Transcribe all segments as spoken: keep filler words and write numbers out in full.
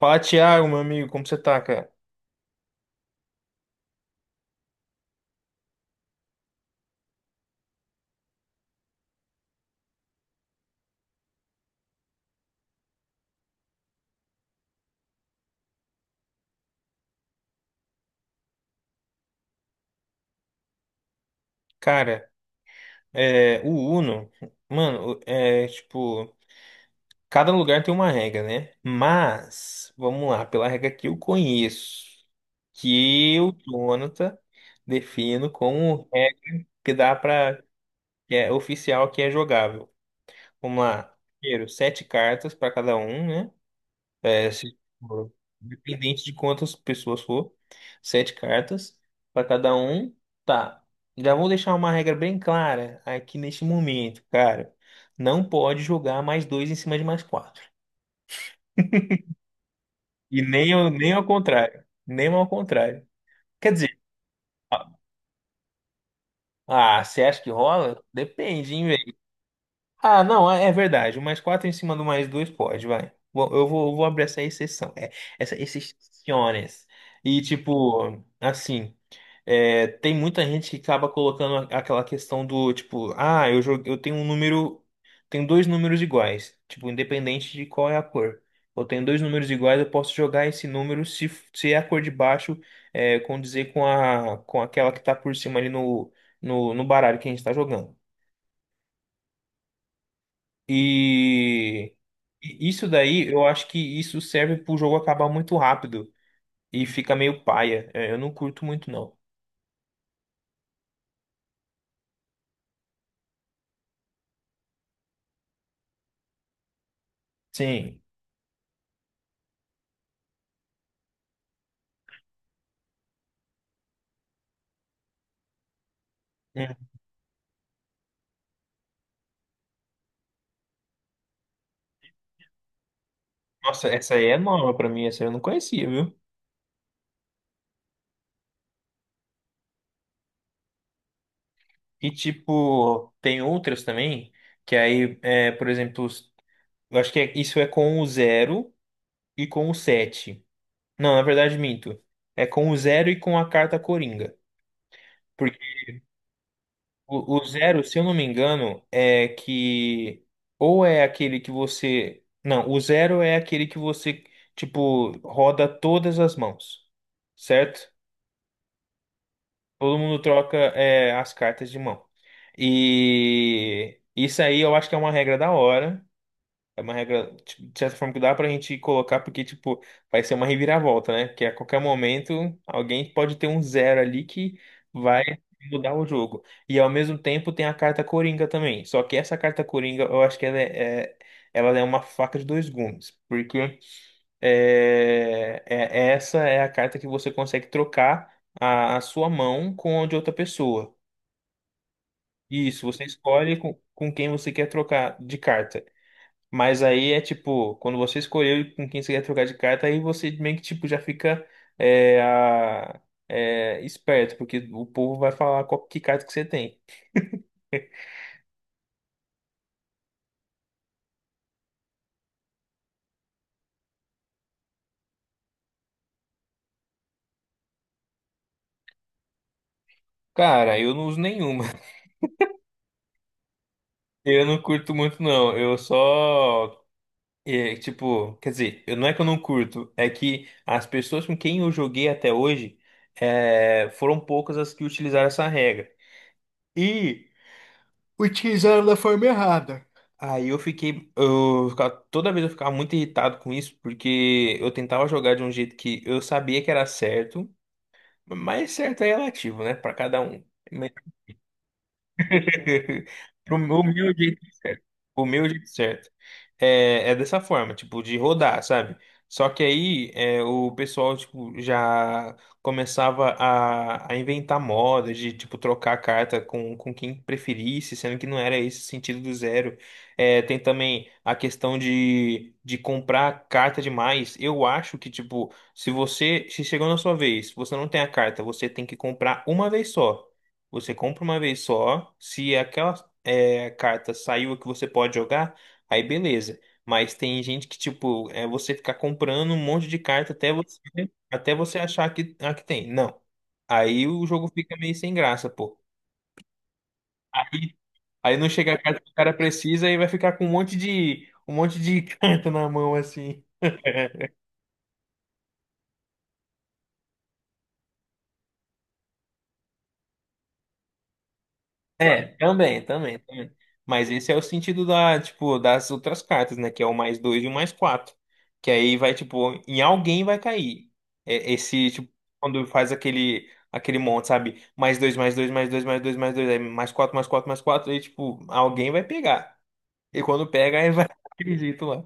Fala, Thiago, meu amigo, como você tá, cara? Cara, é, o Uno, mano, é tipo, cada lugar tem uma regra, né? Mas, vamos lá, pela regra que eu conheço, que o Jonathan defino como regra que dá pra, que é oficial, que é jogável. Vamos lá, primeiro, sete cartas pra cada um, né? É, se for, independente de quantas pessoas for, sete cartas para cada um. Tá. Já vou deixar uma regra bem clara aqui neste momento, cara. Não pode jogar mais dois em cima de mais quatro. E nem, ao- nem ao contrário. Nem ao contrário. Quer dizer, ah, você acha que rola? Depende, hein, velho. Ah, não, é é verdade. O mais quatro em cima do mais dois pode, vai. Vou- Eu vou, eu vou abrir essa exceção. É, essa exceções. E tipo, assim. É, tem muita gente que acaba colocando a- aquela questão do tipo, ah, eu, jo- eu tenho um número, tenho dois números iguais, tipo, independente de qual é a cor. Eu tenho dois números iguais, eu posso jogar esse número se, f- se é a cor de baixo é, condizer com a, com aquela que tá por cima ali no, no, no baralho que a gente tá jogando. E e isso daí, eu acho que isso serve pro jogo acabar muito rápido e fica meio paia. É, eu não curto muito, não. Sim. Nossa, essa aí é nova pra mim, essa eu não conhecia, viu? E tipo, tem outras também, que aí, é, por exemplo, os- eu acho que é- isso é com o zero e com o sete. Não, na verdade, minto. É com o zero e com a carta Coringa. Porque o, o zero, se eu não me engano, é que. Ou é aquele que você. Não, o zero é aquele que você, tipo, roda todas as mãos, certo? Todo mundo troca é, as cartas de mão. E isso aí eu acho que é uma regra da hora. É uma regra, tipo, de certa forma, que dá pra gente colocar, porque, tipo, vai ser uma reviravolta, né? Que a qualquer momento alguém pode ter um zero ali que vai mudar o jogo. E ao mesmo tempo tem a carta Coringa também. Só que essa carta Coringa, eu acho que ela é, é- ela é uma faca de dois gumes. Porque. É, é- é essa é a carta que você consegue trocar a, a sua mão com a de outra pessoa. Isso, você escolhe com, com quem você quer trocar de carta. Mas aí é tipo, quando você escolheu com quem você quer trocar de carta, aí você meio que tipo, já fica é, a- é, esperto, porque o povo vai falar qual que carta que você tem. Cara, eu não uso nenhuma. Eu não curto muito, não. Eu só. E, é, tipo, quer dizer, eu- não é que eu não curto, é que as pessoas com quem eu joguei até hoje é, foram poucas as que utilizaram essa regra. E utilizaram da forma errada. Aí eu fiquei, eu ficava- toda vez eu ficava muito irritado com isso, porque eu tentava jogar de um jeito que eu sabia que era certo, mas certo é relativo, né, Pra cada um. Mas Pro meu jeito O meu jeito certo. É, é dessa forma, tipo, de rodar, sabe? Só que aí é, o pessoal, tipo, já começava a, a inventar moda de, tipo, trocar a carta com, com quem preferisse, sendo que não era esse o sentido do zero. É, tem também a questão de, de comprar carta demais. Eu acho que, tipo, se você, se chegou na sua vez, você não tem a carta, você tem que comprar uma vez só. Você compra uma vez só, se aquela é, carta saiu que você pode jogar, aí beleza. Mas tem gente que, tipo, é você ficar comprando um monte de carta até você, até você achar que, ah, que tem. Não. Aí o jogo fica meio sem graça, pô. Aí, aí não chega a carta que o cara precisa e vai ficar com um monte de, um monte de carta na mão, assim. É, também, também, também. Mas esse é o sentido da, tipo, das outras cartas, né? Que é o mais dois e o mais quatro. Que aí vai, tipo, em alguém vai cair. É, esse, tipo, quando faz aquele, aquele monte, sabe? Mais dois, mais dois, mais dois, mais dois, mais dois, aí mais quatro, mais quatro, mais quatro, aí, tipo, alguém vai pegar. E quando pega, aí vai, acredito lá.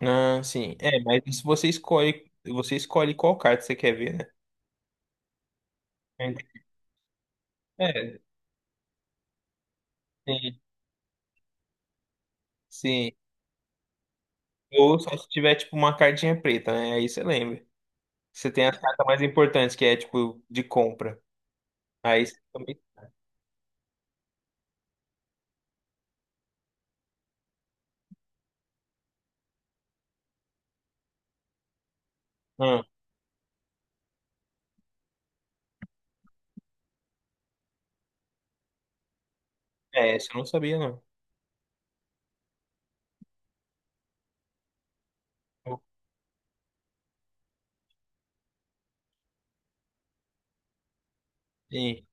Ah, sim. É, mas isso você escolhe, você escolhe qual carta você quer ver, né? É, sim, sim. Ou só se tiver, tipo, uma cartinha preta, né? Aí você lembra. Você tem as cartas mais importantes, que é tipo de compra. Aí você também. Ah, é, essa eu não sabia, não. Sim,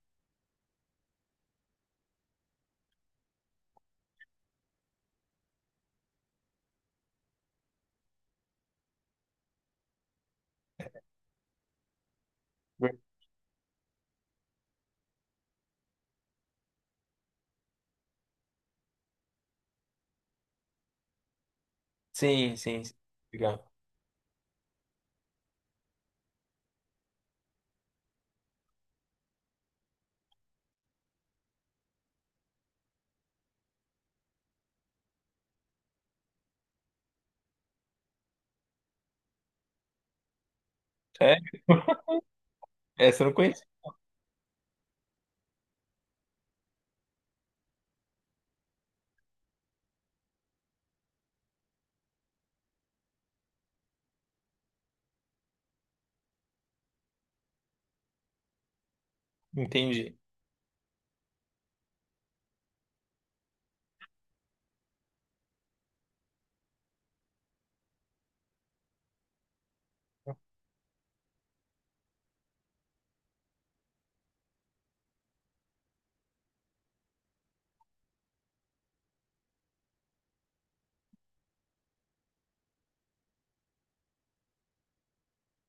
sim, sim. Sim. Legal. Sério? Essa eu não conheço. Entendi.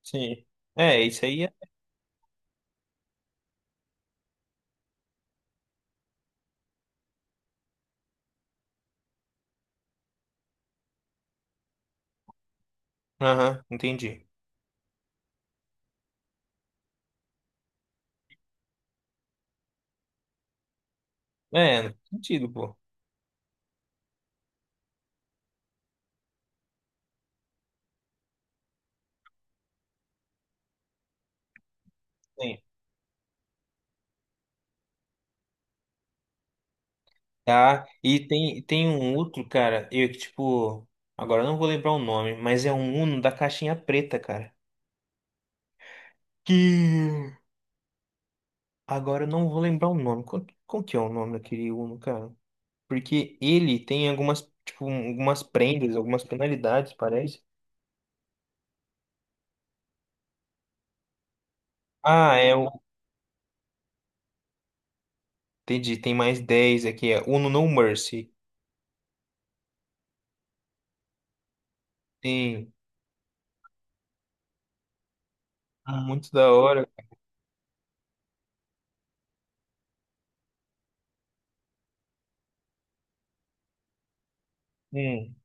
Sim. É, isso aí. É- Aham, entendi. É, não faz sentido, pô. Sim. Tá. E tem, tem um outro, cara, eu que, tipo. Agora eu não vou lembrar o nome, mas é um Uno da caixinha preta, cara. Que. Agora eu não vou lembrar o nome. Qual, qual que é o nome daquele Uno, cara? Porque ele tem algumas, tipo, algumas prendas, algumas penalidades, parece. Ah, é, o- entendi, tem mais dez aqui, é Uno No Mercy. Tem, muito da hora. Hum.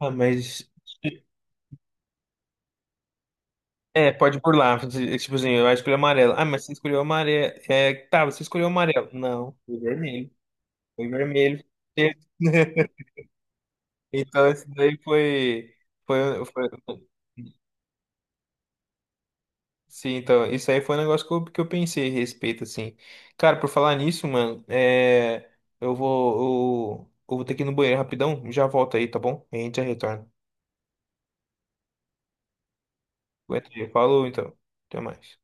Ah, mas... É, pode burlar, tipo assim, eu acho que ele é amarelo. Ah, mas você escolheu amarelo. É, tá, você escolheu amarelo. Não, foi vermelho. Foi vermelho. Então, esse daí foi, foi, foi. Sim, então, isso aí foi um negócio que eu, que eu pensei a respeito, assim. Cara, por falar nisso, mano, é, eu vou, eu, eu vou ter que ir no banheiro rapidão, já volto aí, tá bom? A gente já retorna. Aguenta aí, falou então. Até mais.